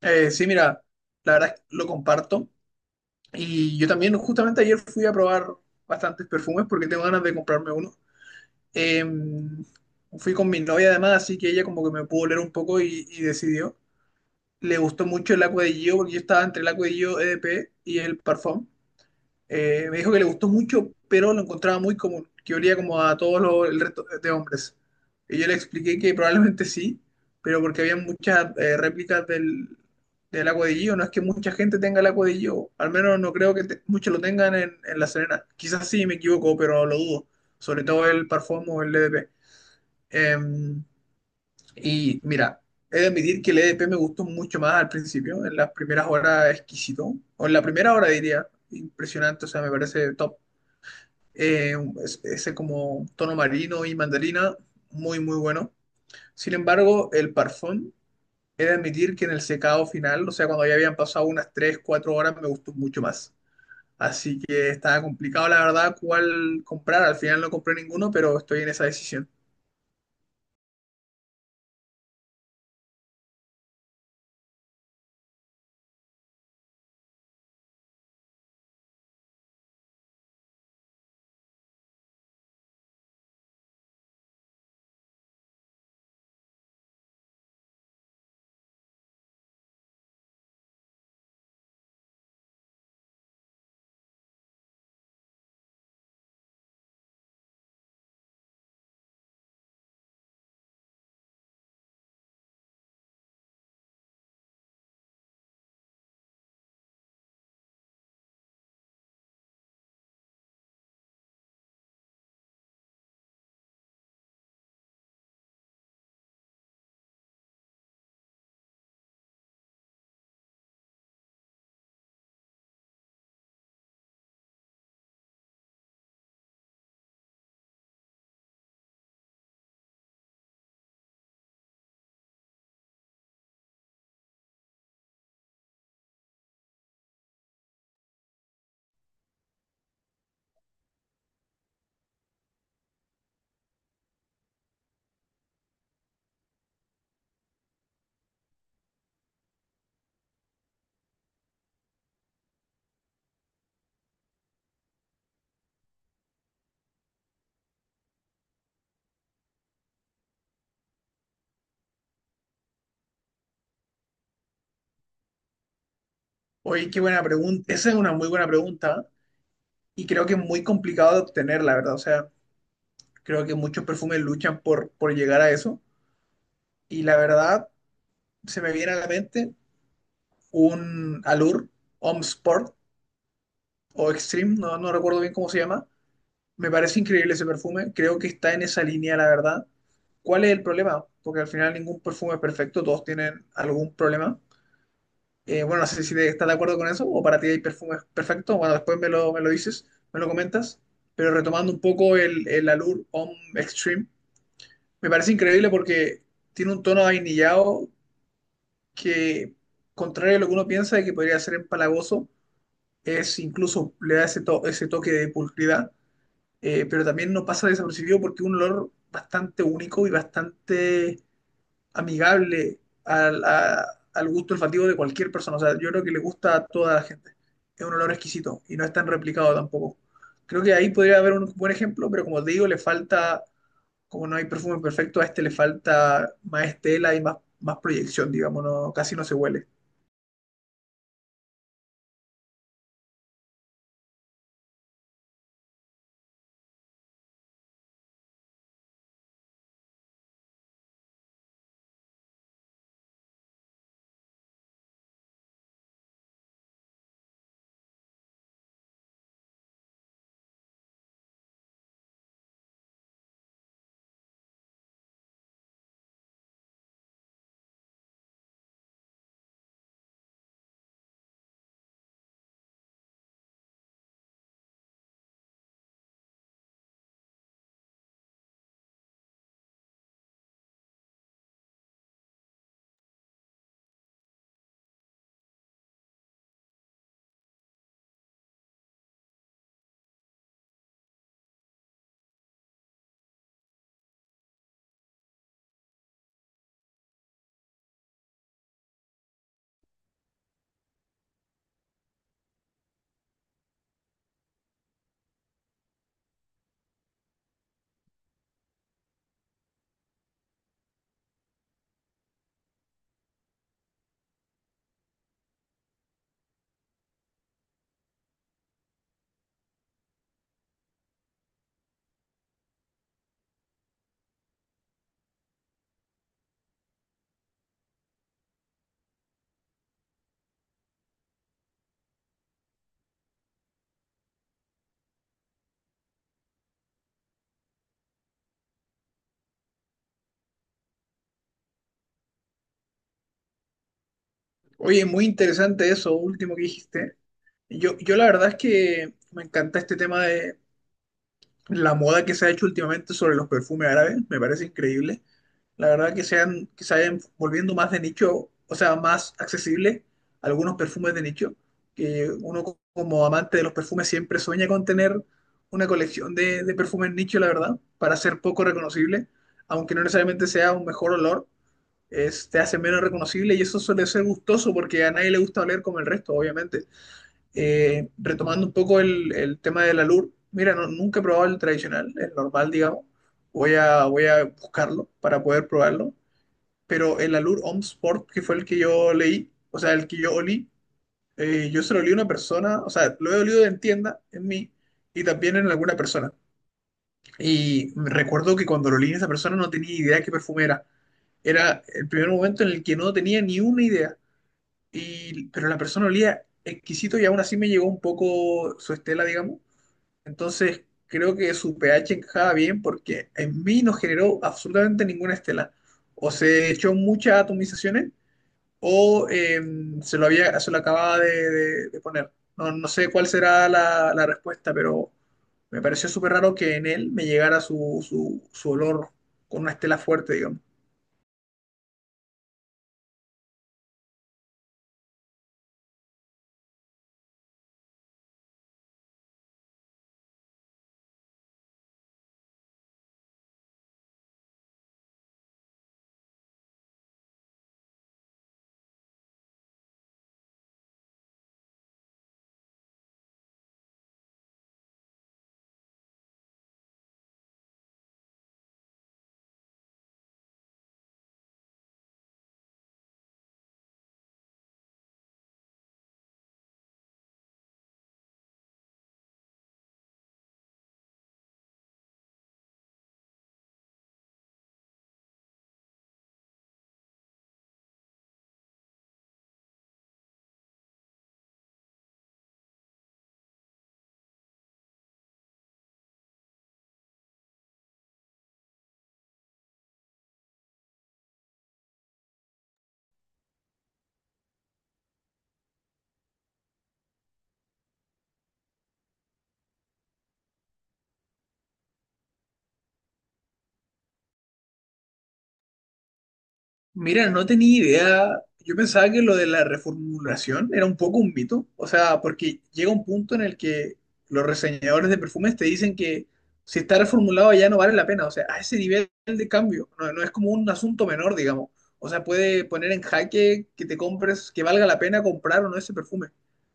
Sí, mira, la verdad es que lo comparto. Y yo también, justamente ayer fui a probar bastantes perfumes porque tengo ganas de comprarme uno. Eh, Fui con mi novia además, así que ella como que me pudo oler un poco y decidió. Le gustó mucho el Aqua de Gio porque yo estaba entre el Aqua de Gio EDP y el Parfum. Me dijo que le gustó mucho, pero lo encontraba muy común, que olía como a el resto de hombres. Y yo le expliqué que probablemente sí, pero porque había muchas réplicas del agua de Gio. No es que mucha gente tenga el agua de Gio, al menos no creo que muchos lo tengan en La Serena. Quizás sí me equivoco, pero lo dudo. Sobre todo el Parfum o el DDP. Em, y mira, he de admitir que el EDP me gustó mucho más al principio, en las primeras horas exquisito, o en la primera hora diría, impresionante, o sea, me parece top, eh, ese como tono marino y mandarina, muy, muy bueno. Sin embargo, el parfum, he de admitir que en el secado final, o sea, cuando ya habían pasado unas 3 4 horas, me gustó mucho más. Así que estaba complicado, la verdad, cuál comprar. Al final no compré ninguno, pero estoy en esa decisión. Oye, qué buena pregunta. Esa es una muy buena pregunta y creo que es muy complicado de obtener, la verdad. O sea, creo que muchos perfumes luchan por llegar a eso. Y la verdad, se me viene a la mente un Allure Home Sport o Extreme, no, no recuerdo bien cómo se llama. Me parece increíble ese perfume, creo que está en esa línea, la verdad. ¿Cuál es el problema? Porque al final ningún perfume es perfecto, todos tienen algún problema. Bueno, no sé si estás de acuerdo con eso o para ti hay perfumes perfectos. Bueno, después me lo dices, me lo comentas. Pero retomando un poco el Allure Homme Extreme, me parece increíble porque tiene un tono vainillado que, contrario a lo que uno piensa de que podría ser empalagoso, es, incluso le da ese toque de pulcridad, pero también no pasa desapercibido porque es un olor bastante único y bastante amigable al gusto olfativo de cualquier persona. O sea, yo creo que le gusta a toda la gente. Es un olor exquisito y no es tan replicado tampoco. Creo que ahí podría haber un buen ejemplo, pero como te digo, le falta, como no hay perfume perfecto, a este le falta más estela y más, más proyección, digamos, no, casi no se huele. Oye, muy interesante eso último que dijiste. Yo la verdad es que me encanta este tema de la moda que se ha hecho últimamente sobre los perfumes árabes, me parece increíble. La verdad que sean, que se vayan volviendo más de nicho, o sea, más accesible algunos perfumes de nicho, que uno como amante de los perfumes siempre sueña con tener una colección de perfumes nicho, la verdad, para ser poco reconocible, aunque no necesariamente sea un mejor olor, es, te hace menos reconocible y eso suele ser gustoso porque a nadie le gusta oler como el resto, obviamente. Retomando un poco el tema del alur, mira, nunca he probado el tradicional, el normal, digamos. Voy a buscarlo para poder probarlo. Pero el alur Home Sport, que fue el que yo leí, o sea, el que yo olí, yo se lo olí a una persona, o sea, lo he olido en tienda, en mí, y también en alguna persona. Y me recuerdo que cuando lo olí en esa persona no tenía idea de qué perfume era. Era el primer momento en el que no tenía ni una idea. Y, pero la persona olía exquisito y aún así me llegó un poco su estela, digamos. Entonces, creo que su pH encajaba bien porque en mí no generó absolutamente ninguna estela. O se echó muchas atomizaciones o se lo acababa de poner. No sé cuál será la respuesta, pero me pareció súper raro que en él me llegara su olor con una estela fuerte, digamos. Mira, no tenía idea. Yo pensaba que lo de la reformulación era un poco un mito. O sea, porque llega un punto en el que los reseñadores de perfumes te dicen que si está reformulado ya no vale la pena. O sea, a ese nivel de cambio. No, no es como un asunto menor, digamos. O sea, puede poner en jaque que te compres, que valga la pena comprar o no ese perfume.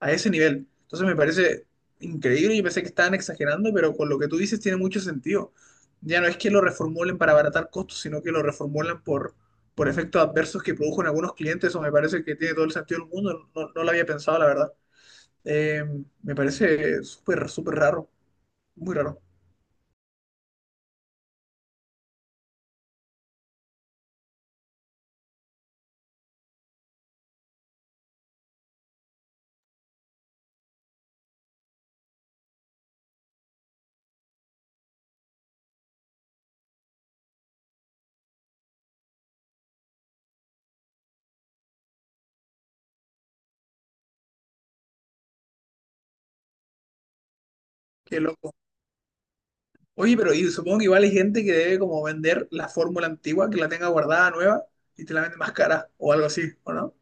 A ese nivel. Entonces me parece increíble. Yo pensé que estaban exagerando, pero con lo que tú dices tiene mucho sentido. Ya no es que lo reformulen para abaratar costos, sino que lo reformulan por efectos adversos que produjo en algunos clientes, eso me parece que tiene todo el sentido del mundo, no, no lo había pensado, la verdad. Eh, Me parece súper, súper raro, muy raro, qué loco. Oye, pero y supongo que igual hay gente que debe como vender la fórmula antigua, que la tenga guardada nueva y te la vende más cara o algo así, ¿o no?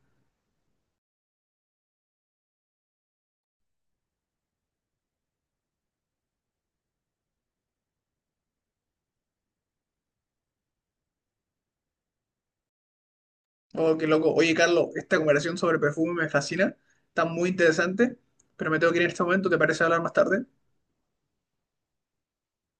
Oh, qué loco. Oye, Carlos, esta conversación sobre perfume me fascina, está muy interesante, pero me tengo que ir en este momento, ¿te parece hablar más tarde?